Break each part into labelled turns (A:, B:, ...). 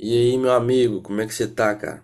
A: E aí, meu amigo, como é que você tá, cara?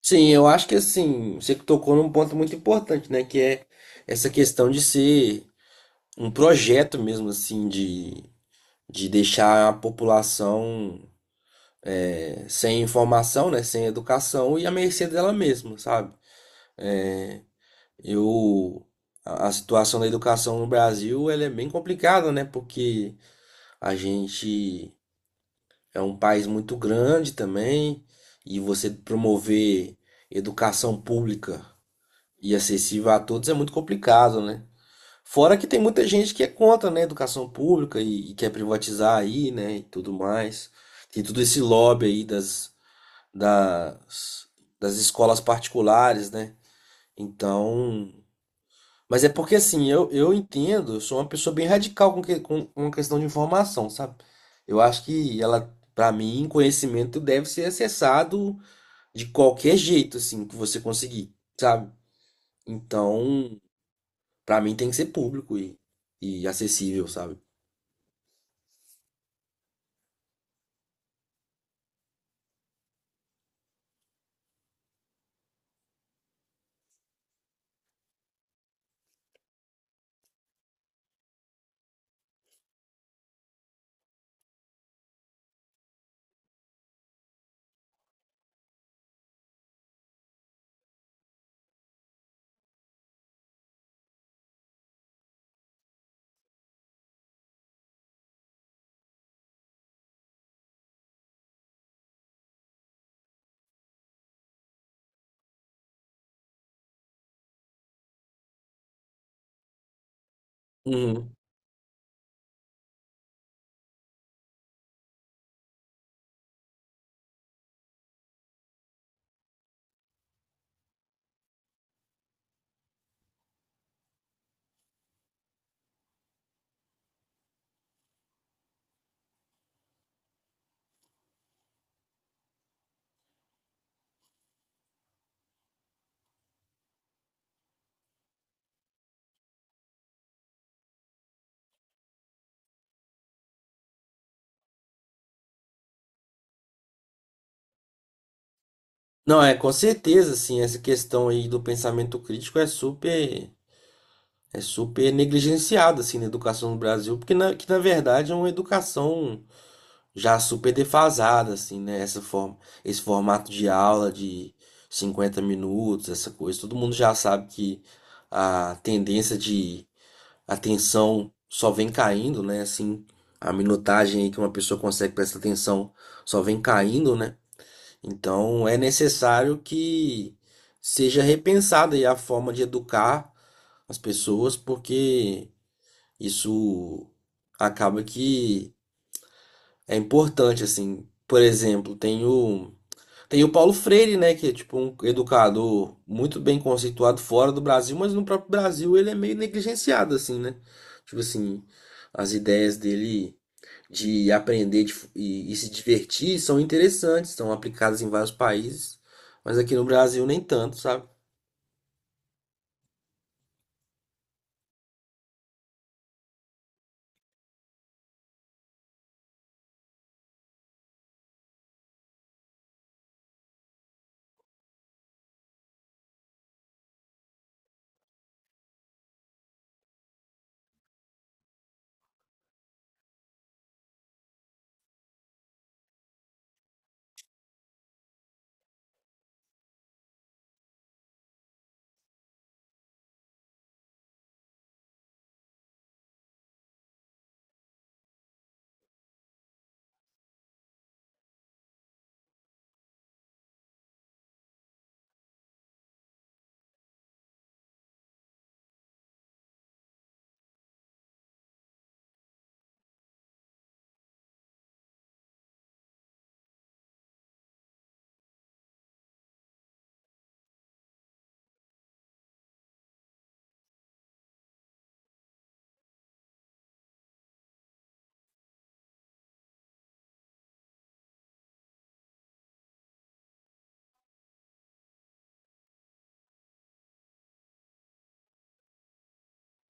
A: Sim, eu acho que assim, você tocou num ponto muito importante, né? Que é essa questão de ser um projeto mesmo, assim, de deixar a população sem informação, né? Sem educação e à mercê dela mesma, sabe? Eu, a situação da educação no Brasil, ela é bem complicada, né? Porque a gente é um país muito grande também, e você promover educação pública e acessível a todos é muito complicado, né? Fora que tem muita gente que é contra, né, a educação pública e quer privatizar aí, né, e tudo mais. Tem todo esse lobby aí das, das escolas particulares, né? Então, mas é porque assim, eu entendo, eu sou uma pessoa bem radical com, que, com uma questão de informação, sabe? Eu acho que ela, pra mim, conhecimento deve ser acessado de qualquer jeito, assim, que você conseguir, sabe? Então, pra mim tem que ser público e acessível, sabe? Uhum. Não, é com certeza, assim, essa questão aí do pensamento crítico é super negligenciada, assim, na educação no Brasil, porque na, que na verdade é uma educação já super defasada, assim, né? Esse formato de aula de 50 minutos, essa coisa. Todo mundo já sabe que a tendência de atenção só vem caindo, né? Assim, a minutagem aí que uma pessoa consegue prestar atenção só vem caindo, né? Então é necessário que seja repensada aí a forma de educar as pessoas, porque isso acaba que é importante, assim. Por exemplo, tem o Paulo Freire, né? Que é tipo um educador muito bem conceituado fora do Brasil, mas no próprio Brasil ele é meio negligenciado, assim, né? Tipo assim, as ideias dele de aprender de f- e se divertir são interessantes, são aplicadas em vários países, mas aqui no Brasil nem tanto, sabe?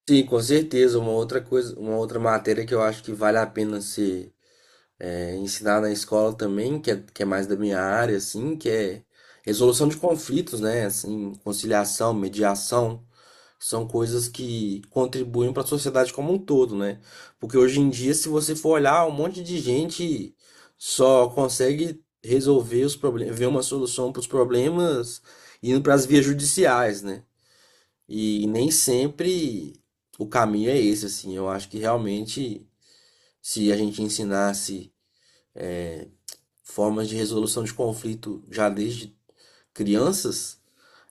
A: Sim, com certeza. Uma outra coisa, uma outra matéria que eu acho que vale a pena ser é, ensinar na escola também, que é mais da minha área, assim, que é resolução de conflitos, né? Assim, conciliação, mediação, são coisas que contribuem para a sociedade como um todo, né? Porque hoje em dia, se você for olhar, um monte de gente só consegue resolver os problemas, ver uma solução para os problemas indo para as vias judiciais, né? E nem sempre o caminho é esse, assim. Eu acho que realmente, se a gente ensinasse formas de resolução de conflito já desde crianças,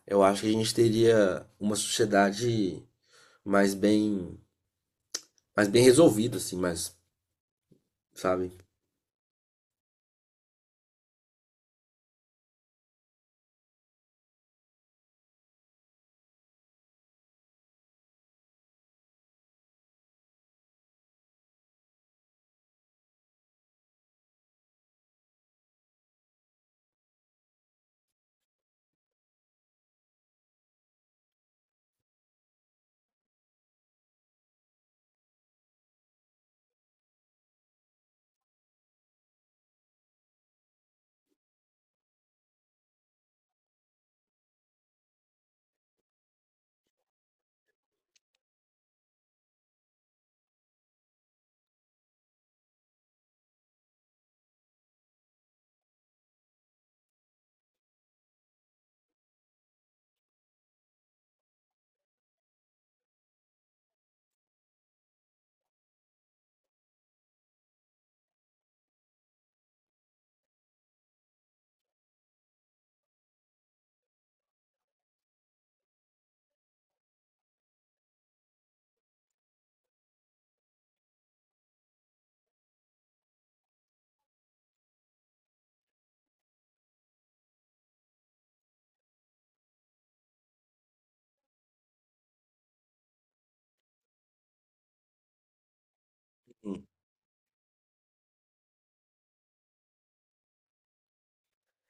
A: eu acho que a gente teria uma sociedade mais bem, mais bem resolvida, assim, mais, sabe?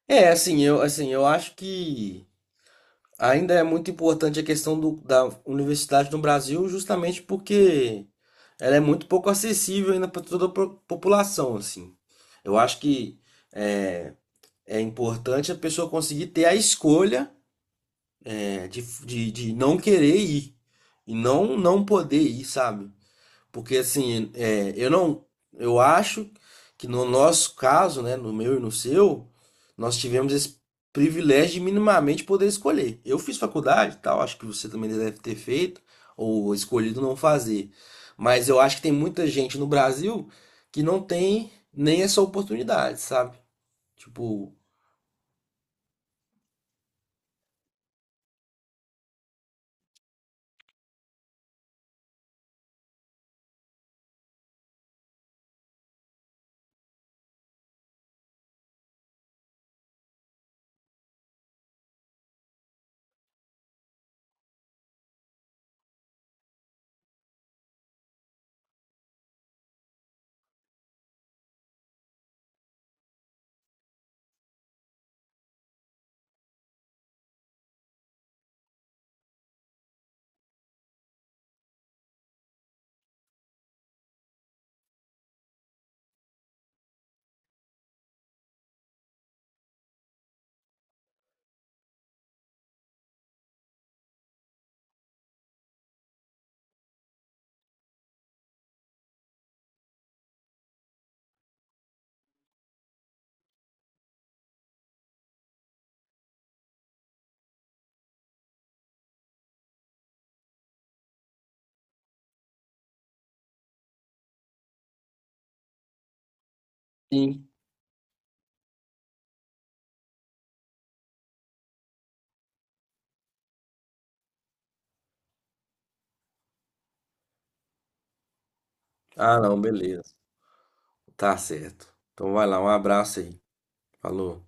A: É, assim, eu acho que ainda é muito importante a questão do, da universidade no Brasil, justamente porque ela é muito pouco acessível ainda para toda a população, assim. Eu acho que é, é importante a pessoa conseguir ter a escolha é de não querer ir e não poder ir, sabe? Porque assim, eu acho que no nosso caso, né, no meu e no seu, nós tivemos esse privilégio de minimamente poder escolher. Eu fiz faculdade, e tal, acho que você também deve ter feito ou escolhido não fazer. Mas eu acho que tem muita gente no Brasil que não tem nem essa oportunidade, sabe? Tipo, sim. Ah, não, beleza. Tá certo. Então vai lá, um abraço aí. Falou.